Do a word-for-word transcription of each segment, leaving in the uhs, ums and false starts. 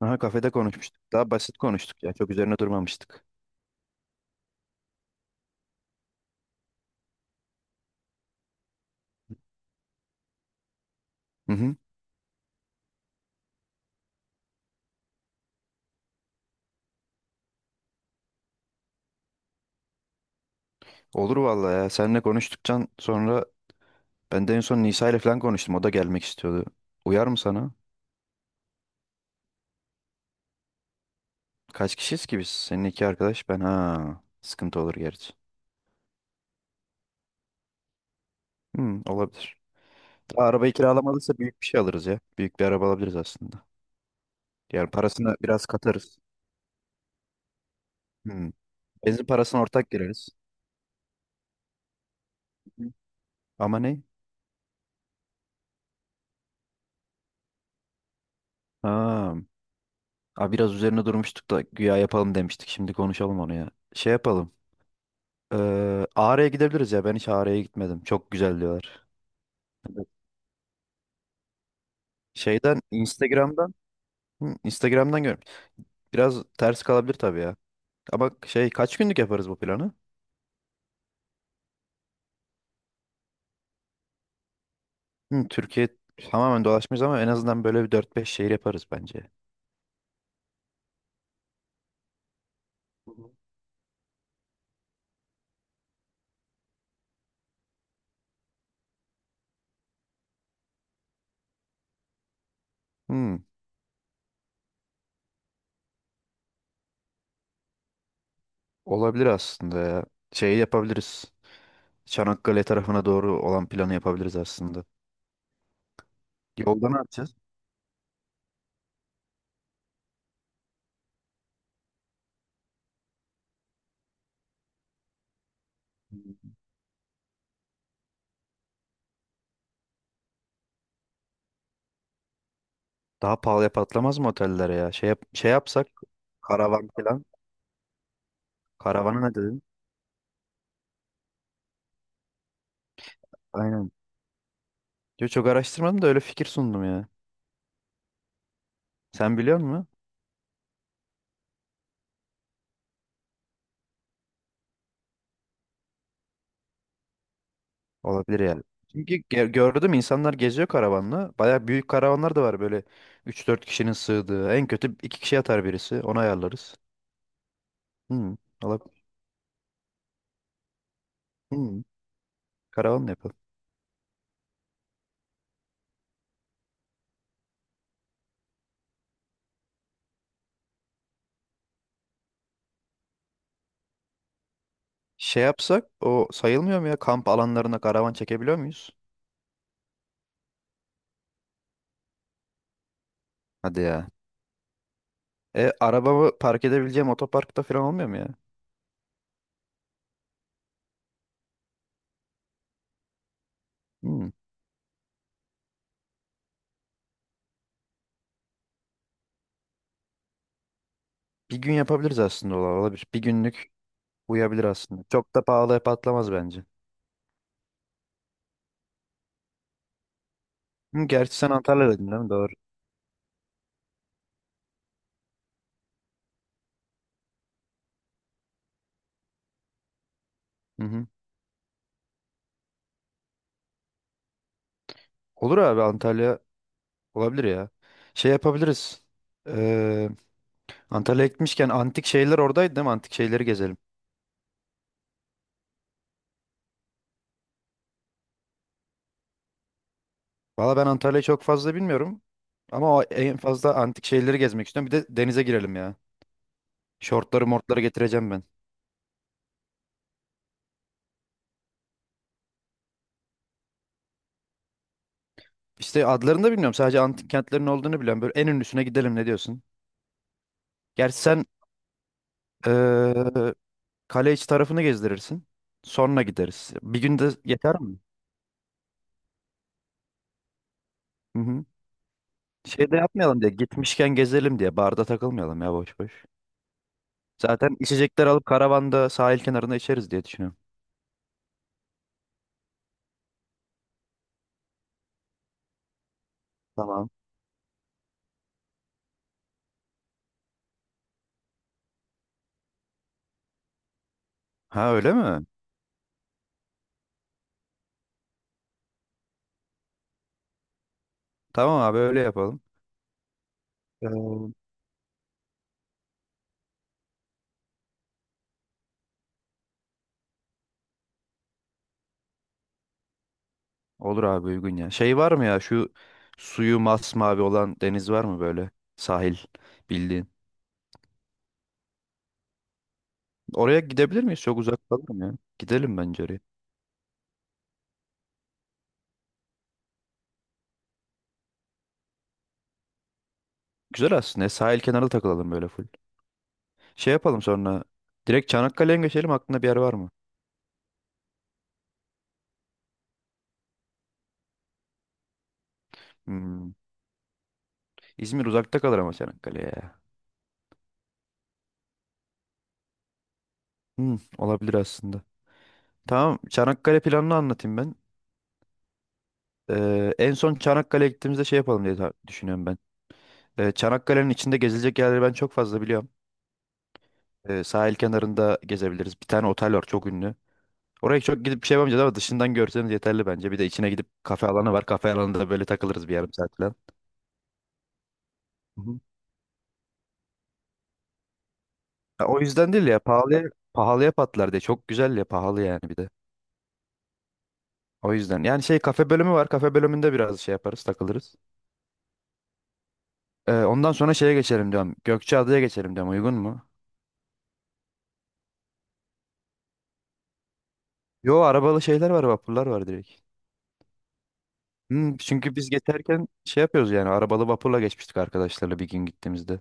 Aha, kafede konuşmuştuk. Daha basit konuştuk ya. Çok üzerine durmamıştık. Hı hı. Olur vallahi ya. Seninle konuştuktan sonra ben de en son Nisa ile falan konuştum. O da gelmek istiyordu. Uyar mı sana? Kaç kişiyiz ki biz? Senin iki arkadaş, ben, ha. Sıkıntı olur gerçi. Hı, olabilir. Daha arabayı kiralamadıysa büyük bir şey alırız ya. Büyük bir araba alabiliriz aslında. Yani parasını biraz katarız. Hı. Benzin parasına ortak gireriz. Hı hı. Ama ne? Ha. Aa, biraz üzerine durmuştuk da güya yapalım demiştik. Şimdi konuşalım onu ya. Şey yapalım. Ee, Ağrı'ya gidebiliriz ya. Ben hiç Ağrı'ya gitmedim. Çok güzel diyorlar. Evet. Şeyden Instagram'dan, hı, Instagram'dan görmüş. Biraz ters kalabilir tabii ya. Ama şey, kaç günlük yaparız bu planı? Hı, Türkiye tamamen dolaşmayız ama en azından böyle bir dört beş şehir yaparız bence. Hı, olabilir aslında ya. Şeyi yapabiliriz. Çanakkale tarafına doğru olan planı yapabiliriz aslında. Yolda ne yapacağız? Daha pahalıya patlamaz mı otellere ya? Şey, yap- şey yapsak karavan falan. Karavana ne dedin? Aynen. Yo, çok araştırmadım da öyle fikir sundum ya. Sen biliyor musun? Olabilir yani. Çünkü ge- gördüm insanlar geziyor karavanla. Baya büyük karavanlar da var böyle, üç dört kişinin sığdığı. En kötü iki kişi yatar birisi. Onu ayarlarız. Hmm, olabilir. Hmm, karavan yapalım. Şey yapsak o sayılmıyor mu ya? Kamp alanlarına karavan çekebiliyor muyuz? Hadi ya. E, arabamı park edebileceğim otoparkta falan olmuyor mu ya? Hmm, bir gün yapabiliriz aslında, ola- olabilir. Bir günlük uyabilir aslında. Çok da pahalıya patlamaz bence. Hı, gerçi sen Antalya'daydın değil mi? Doğru. Hı hı. Olur abi, Antalya olabilir ya. Şey yapabiliriz. Ee, Antalya'ya gitmişken antik şeyler oradaydı değil mi? Antik şeyleri gezelim. Valla ben Antalya'yı çok fazla bilmiyorum. Ama o en fazla antik şeyleri gezmek istiyorum. Bir de denize girelim ya. Şortları mortları getireceğim ben. İşte adlarını da bilmiyorum. Sadece antik kentlerin olduğunu biliyorum. Böyle en ünlüsüne gidelim, ne diyorsun? Gerçi sen ee, kale içi tarafını gezdirirsin. Sonra gideriz. Bir günde yeter mi? Hı hı. Şey de yapmayalım diye. Gitmişken gezelim diye. Barda takılmayalım ya boş boş. Zaten içecekler alıp karavanda sahil kenarında içeriz diye düşünüyorum. Tamam. Ha, öyle mi? Tamam abi, öyle yapalım. Ee, Olur abi, uygun ya. Şey, var mı ya şu suyu masmavi olan deniz, var mı böyle sahil bildiğin? Oraya gidebilir miyiz? Çok uzak kalır mı ya? Gidelim bence oraya. Güzel aslında. Ya, sahil kenarı takılalım böyle full. Şey yapalım sonra. Direkt Çanakkale'ye mi geçelim? Aklında bir yer var mı? Hmm. İzmir uzakta kalır ama Çanakkale'ye ya. Hmm, olabilir aslında. Tamam. Çanakkale planını anlatayım ben. Ee, en son Çanakkale'ye gittiğimizde şey yapalım diye ta- düşünüyorum ben. Ee, Çanakkale'nin içinde gezilecek yerleri ben çok fazla biliyorum. Ee, sahil kenarında gezebiliriz. Bir tane otel var, çok ünlü. Oraya çok gidip bir şey yapamayacağız ama dışından görseniz yeterli bence. Bir de içine gidip, kafe alanı var. Kafe alanında böyle takılırız bir yarım saat falan. Hı hı. Ya o yüzden değil ya, pahalıya, pahalıya patlar diye. Çok güzel ya, pahalı yani bir de. O yüzden. Yani şey, kafe bölümü var. Kafe bölümünde biraz şey yaparız, takılırız. Ee, ondan sonra şeye geçelim diyorum. Gökçeada'ya geçelim diyorum. Uygun mu? Yo, arabalı şeyler var, vapurlar var direkt. Hmm, çünkü biz geçerken şey yapıyoruz yani, arabalı vapurla geçmiştik arkadaşlarla bir gün gittiğimizde.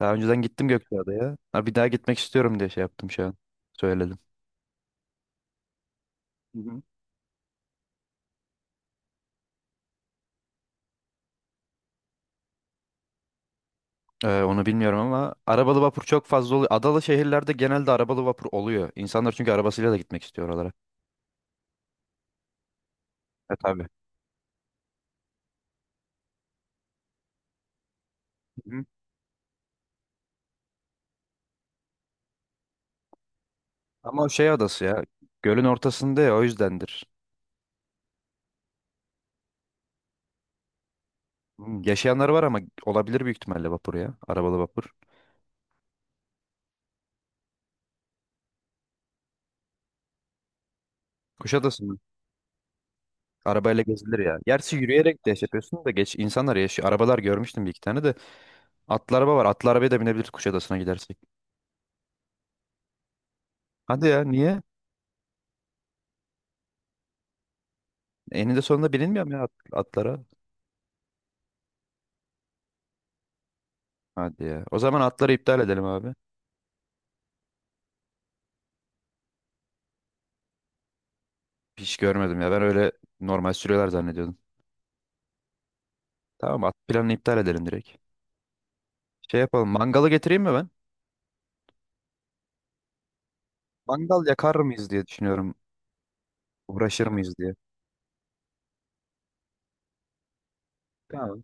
Daha önceden gittim Gökçeada'ya. Ha, bir daha gitmek istiyorum diye şey yaptım şu an. Söyledim. Hı hı. Ee, onu bilmiyorum ama arabalı vapur çok fazla oluyor. Adalı şehirlerde genelde arabalı vapur oluyor. İnsanlar çünkü arabasıyla da gitmek istiyor oralara. E tabii. Hı hı. Ama o şey adası ya. Gölün ortasında ya, o yüzdendir. Hmm. Yaşayanlar var, ama olabilir büyük ihtimalle vapur ya. Arabalı vapur. Kuşadası arabayla gezilir ya. Gerçi yürüyerek de şey yapıyorsun da, geç, insanlar yaşıyor. Arabalar görmüştüm bir iki tane de. Atlı araba var. Atlı arabaya da binebiliriz Kuşadası'na gidersek. Hadi ya, niye? Eninde sonunda bilinmiyor mu ya at- atlara? Hadi ya. O zaman atları iptal edelim abi. Hiç görmedim ya. Ben öyle normal sürüyorlar zannediyordum. Tamam, at planını iptal edelim direkt. Şey yapalım. Mangalı getireyim mi ben? Mangal yakar mıyız diye düşünüyorum. Uğraşır mıyız diye. Tamam.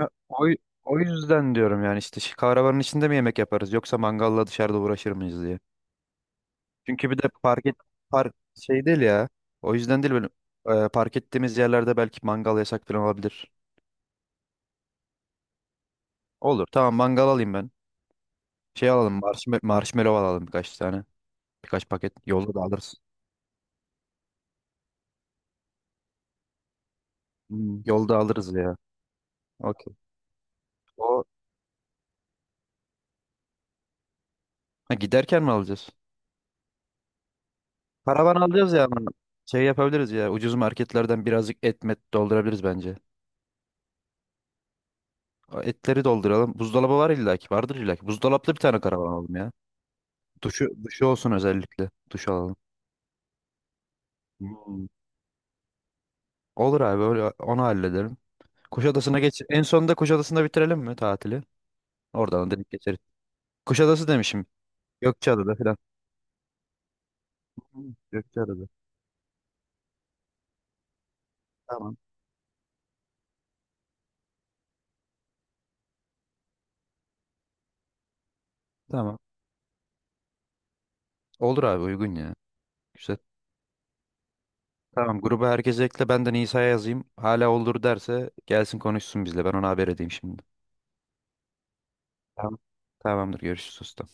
Ya, O, o yüzden diyorum yani, işte şu kahrabanın içinde mi yemek yaparız yoksa mangalla dışarıda uğraşır mıyız diye. Çünkü bir de park et, park şey değil ya. O yüzden, değil böyle, e, park ettiğimiz yerlerde belki mangal yasak falan olabilir. Olur, tamam, mangal alayım ben. Şey alalım, marshmallow, marshmallow alalım birkaç tane. Birkaç paket. Yolda da alırız. Hmm, yolda alırız ya. Okey. O, ha, giderken mi alacağız? Paravan alacağız ya, ama şey yapabiliriz ya. Ucuz marketlerden birazcık et met doldurabiliriz bence. O etleri dolduralım. Buzdolabı var illaki. Vardır illaki. Buzdolaplı bir tane karavan alalım ya. Duşu, duşu olsun özellikle. Duş alalım. Hmm. Olur abi, öyle onu halledelim. Kuşadası'na geç. En sonunda Kuşadası'nda bitirelim mi tatili? Oradan da direkt geçeriz. Kuşadası demişim. Gökçeada'da falan. Hı, Gökçeada'da. Tamam. Tamam. Olur abi, uygun ya. Güzel. Tamam, gruba herkese ekle. Ben de Nisa'ya yazayım. Hala olur derse gelsin konuşsun bizle. Ben ona haber edeyim şimdi. Tamam. Tamamdır, görüşürüz usta.